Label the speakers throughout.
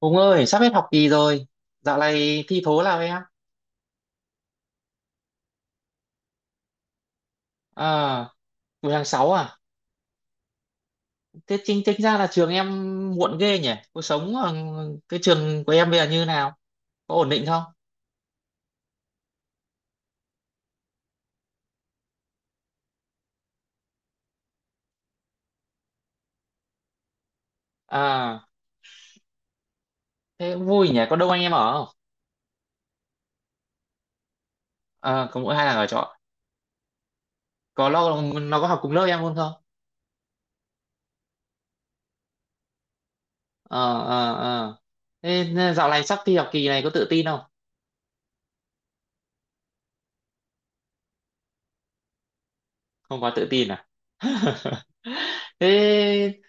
Speaker 1: Hùng ơi, sắp hết học kỳ rồi. Dạo này thi thố nào em? À, buổi tháng 6 à? Thế chính tính ra là trường em muộn ghê nhỉ? Cuộc sống ở cái trường của em bây giờ như nào? Có ổn định không? À, thế cũng vui nhỉ? Có đông anh em ở không? À, có mỗi hai thằng ở trọ. Có lo nó có học cùng lớp em luôn không? Ờ, ờ, ờ. Thế dạo này sắp thi học kỳ này có tự tin không? Không quá tự tin à? Thế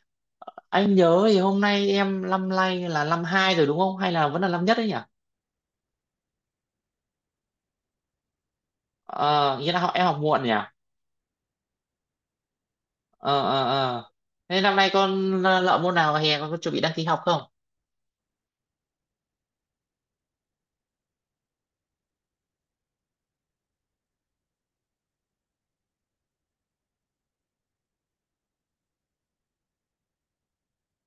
Speaker 1: anh nhớ thì hôm nay em năm nay là năm hai rồi đúng không, hay là vẫn là năm nhất đấy nhỉ? Ờ Nghĩa là họ em học muộn nhỉ. Ờ, ờ, ờ. Thế năm nay con lợ môn nào hè, con có chuẩn bị đăng ký học không?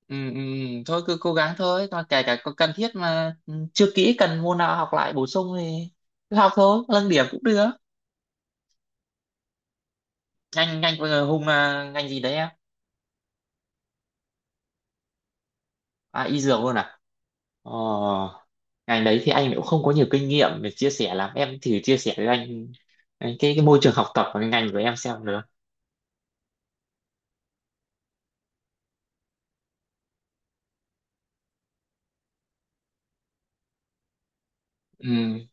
Speaker 1: Ừ, ừ, ừ. Thôi cứ cố gắng thôi, còn kể cả có cần thiết mà chưa kỹ cần môn nào học lại bổ sung thì cứ học thôi, nâng điểm cũng được. Ngành ngành vừa Hùng là ngành gì đấy em? À, y dược luôn à? Ờ, ngành đấy thì anh cũng không có nhiều kinh nghiệm để chia sẻ lắm, em thử chia sẻ với anh cái môi trường học tập của cái ngành của em xem được. Ừ,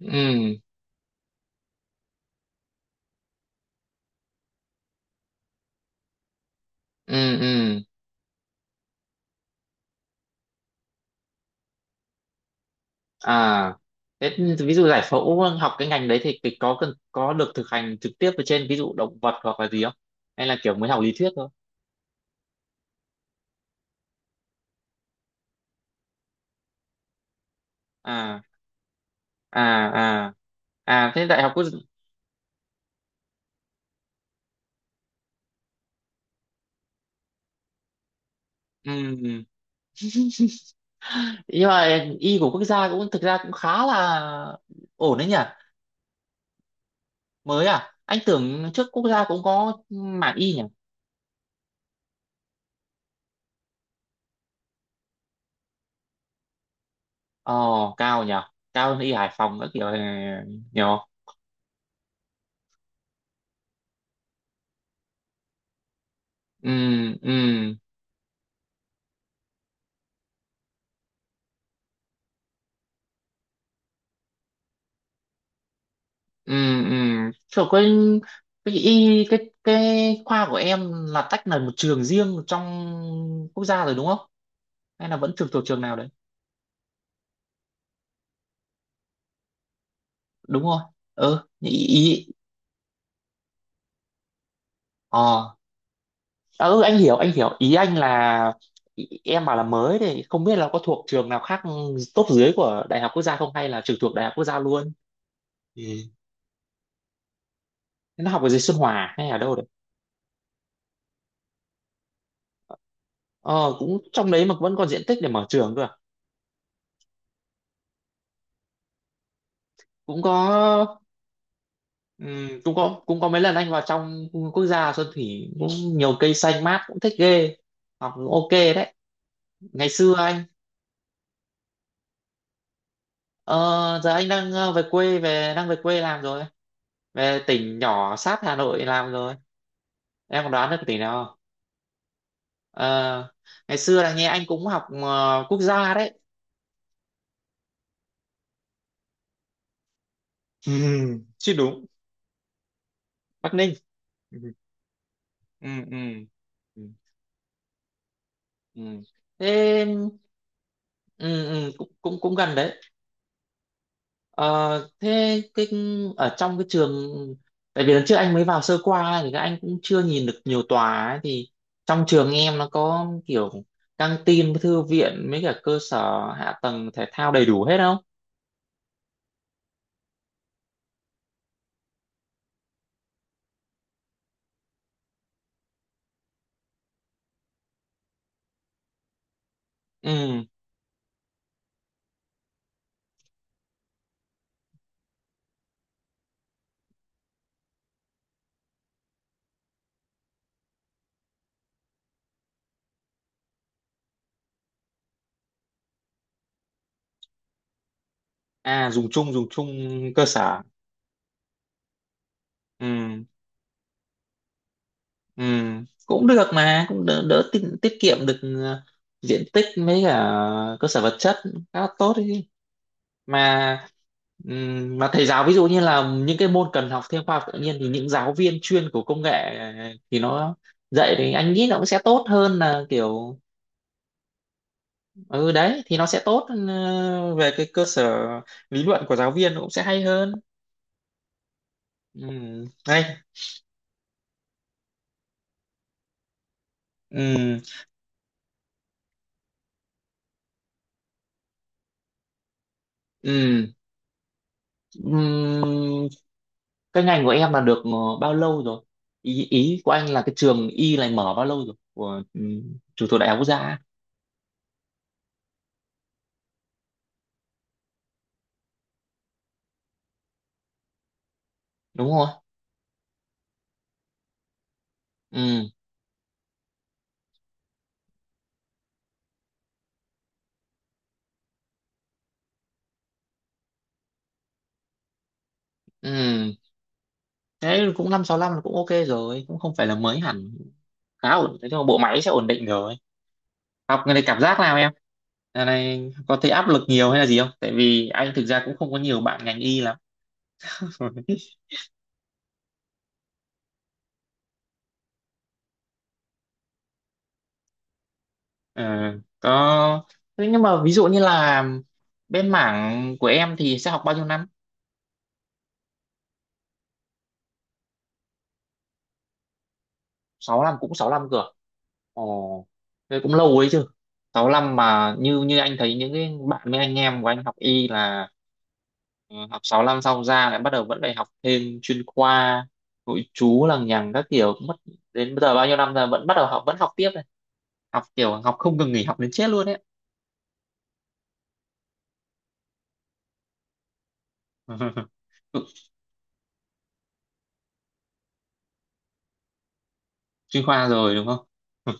Speaker 1: ừ, ừ, ừ. À thế ví dụ giải phẫu học cái ngành đấy thì cái có cần có được thực hành trực tiếp ở trên ví dụ động vật hoặc là gì không, hay là kiểu mới học lý thuyết thôi? À, à, à, à. Thế đại học quốc— Ừ. Nhưng mà y của quốc gia cũng thực ra cũng khá là ổn đấy nhỉ? Mới à? Anh tưởng trước quốc gia cũng có mảng y nhỉ. ờ Cao nhỉ, cao hơn y Hải Phòng các kiểu này nhỉ. Ừ, ừ, ừ, ừ. Trời, cái y cái khoa của em là tách là một trường riêng trong quốc gia rồi đúng không, hay là vẫn trường thuộc trường nào đấy? Đúng không. Ừ, ý. Ờ. À, ừ, anh hiểu ý anh là— Em bảo là mới thì không biết là có thuộc trường nào khác top dưới của đại học quốc gia không, hay là trực thuộc đại học quốc gia luôn. Ừ. Nó học ở dưới Xuân Hòa à, hay ở đâu đấy? Ờ Cũng trong đấy mà vẫn còn diện tích để mở trường cơ à? Cũng có. Cũng có mấy lần anh vào trong quốc gia Xuân Thủy cũng nhiều cây xanh mát, cũng thích ghê. Học cũng ok đấy. Ngày xưa anh— ờ, Giờ anh đang về quê, về quê làm rồi, về tỉnh nhỏ sát Hà Nội làm rồi. Em còn đoán được cái tỉnh nào không? Ờ, ngày xưa là nghe anh cũng học quốc gia đấy. Chứ đúng. Bắc Ninh. Ừ. Ừ, ừ. Ừ. Thế ừ, ừ, cũng cũng cũng gần đấy. Ờ, thế cái ở trong cái trường, tại vì lần trước anh mới vào sơ qua thì các anh cũng chưa nhìn được nhiều tòa ấy, thì trong trường em nó có kiểu căng tin, thư viện mấy cả cơ sở hạ tầng thể thao đầy đủ hết không? Ừ. À, dùng chung, dùng chung cơ sở. Ừ, ừ, cũng được mà cũng đỡ, tiết kiệm được diện tích mấy cả cơ sở vật chất, khá là tốt đấy mà. Mà thầy giáo ví dụ như là những cái môn cần học thêm khoa học tự nhiên thì những giáo viên chuyên của công nghệ thì nó dạy thì anh nghĩ nó cũng sẽ tốt hơn là kiểu— ừ Đấy thì nó sẽ tốt. Ừ, Về cái cơ sở lý luận của giáo viên nó cũng sẽ hay hơn. Đây. Ừm, ừm, ừm, cái ngành của em là được bao lâu rồi? Ý ý của anh là cái trường y này mở bao lâu rồi, của trường thuộc đại học quốc gia á, đúng không? Ừ, ừ. Đấy cũng 565 là cũng ok rồi, cũng không phải là mới hẳn. Khá ổn, thế nhưng mà bộ máy sẽ ổn định rồi. Học cái này cảm giác nào em? Giờ này có thấy áp lực nhiều hay là gì không? Tại vì anh thực ra cũng không có nhiều bạn ngành y lắm. Ờ, có. Thế nhưng mà ví dụ như là bên mảng của em thì sẽ học bao nhiêu năm? 6 năm, cũng 6 năm cơ à? Ồ, thế cũng lâu ấy chứ. 6 năm mà như như anh thấy những cái bạn với anh em của anh học y là— Ừ, học 6 năm xong ra lại bắt đầu vẫn phải học thêm chuyên khoa nội trú lằng nhằng các kiểu, cũng mất đến bây giờ bao nhiêu năm rồi vẫn bắt đầu học vẫn học tiếp này, học kiểu học không ngừng nghỉ, học đến chết luôn đấy. Ừ, chuyên khoa rồi đúng không.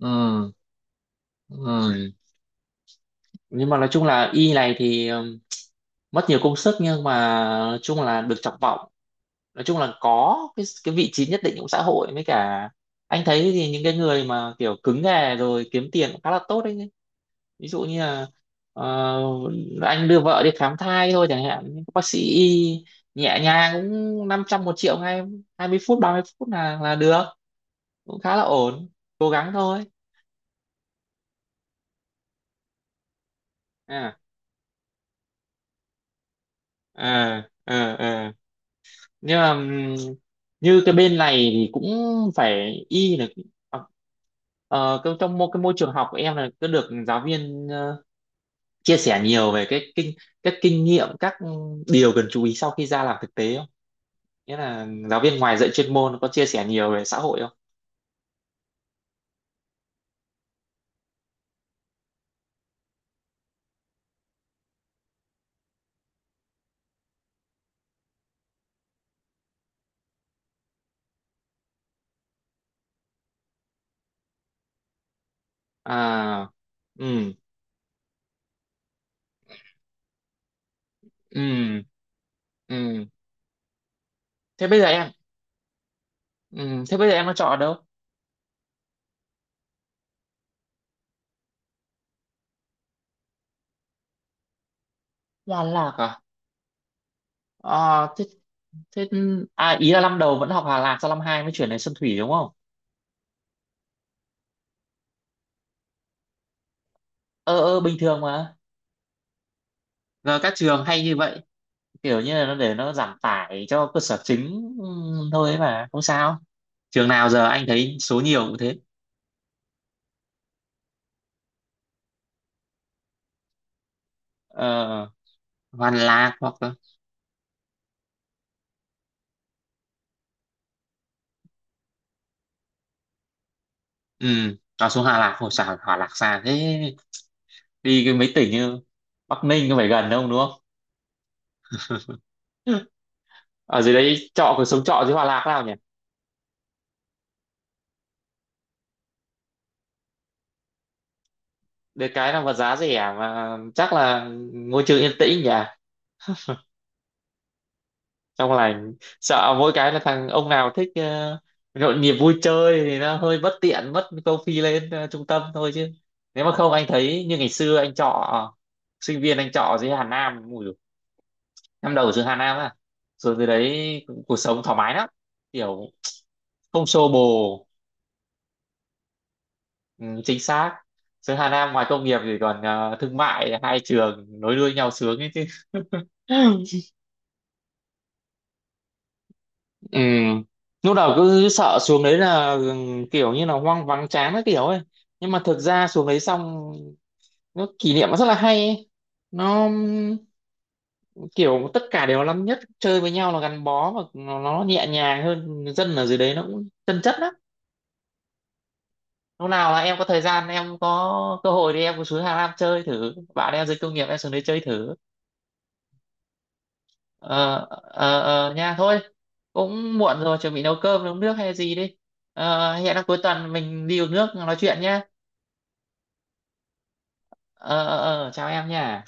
Speaker 1: Ừ, ừ. Nhưng mà nói chung là y này thì mất nhiều công sức, nhưng mà nói chung là được trọng vọng, nói chung là có cái vị trí nhất định trong xã hội, với cả anh thấy thì những cái người mà kiểu cứng nghề rồi kiếm tiền cũng khá là tốt đấy. Ví dụ như là ờ, anh đưa vợ đi khám thai thôi chẳng hạn, những bác sĩ y nhẹ nhàng cũng 500 1 triệu ngay, 20 phút 30 phút là được, cũng khá là ổn. Cố gắng thôi. À, à, à, à. Nhưng mà như cái bên này thì cũng phải y là ờ, trong cái môi trường học của em là cứ được giáo viên chia sẻ nhiều về cái kinh— các kinh nghiệm, các điều cần chú ý sau khi ra làm thực tế, nghĩa là giáo viên ngoài dạy chuyên môn có chia sẻ nhiều về xã hội không? À, ừ, ừ, ừ. Thế bây giờ em— ừ, Thế bây giờ em nó chọn ở đâu? Đà Lạc à? À, thế, thế, à ý là năm đầu vẫn học Hà Lạc, sau năm hai mới chuyển đến Xuân Thủy đúng không? Ờ, ờ, bình thường mà, giờ các trường hay như vậy, kiểu như là nó để nó giảm tải cho cơ sở chính. Ừ, thôi ấy mà không sao, trường nào giờ anh thấy số nhiều cũng thế. ờ, Hoàn Lạc hoặc— Ừ, nó xuống Hòa Lạc hồi sao Hòa Lạc xa thế, đi cái mấy tỉnh như Bắc Ninh có phải gần đâu đúng không. Ở dưới đấy trọ, cuộc sống trọ dưới Hòa Lạc nào nhỉ? Được cái là vật giá rẻ mà chắc là môi trường yên tĩnh nhỉ, trong lành. Sợ mỗi cái là thằng ông nào thích nhộn nhịp vui chơi thì nó hơi bất tiện, mất câu phi lên trung tâm thôi, chứ nếu mà không anh thấy như ngày xưa anh trọ sinh viên, anh trọ dưới Hà Nam, năm đầu ở trường Hà Nam á, rồi từ đấy cuộc sống thoải mái lắm, kiểu không xô bồ. Ừ, chính xác. Trường Hà Nam ngoài công nghiệp thì còn thương mại, hai trường nối đuôi nhau sướng ấy chứ. Ừ. Lúc đầu cứ sợ xuống đấy là kiểu như là hoang vắng chán cái kiểu ấy, nhưng mà thực ra xuống đấy xong nó kỷ niệm nó rất là hay ấy. Nó kiểu tất cả đều là năm nhất chơi với nhau là gắn bó, và nó nhẹ nhàng hơn, dân ở dưới đấy nó cũng chân chất lắm. Lúc nào là em có thời gian, em có cơ hội thì em cứ xuống Hà Nam chơi thử, bạn em dưới công nghiệp em xuống đấy chơi thử. Ờ, ờ, ờ, nha thôi, cũng muộn rồi, chuẩn bị nấu cơm nấu nước hay gì đi. Hẹn là cuối tuần mình đi uống nước nói chuyện nhá. Ờ, ờ, ờ, chào em nha.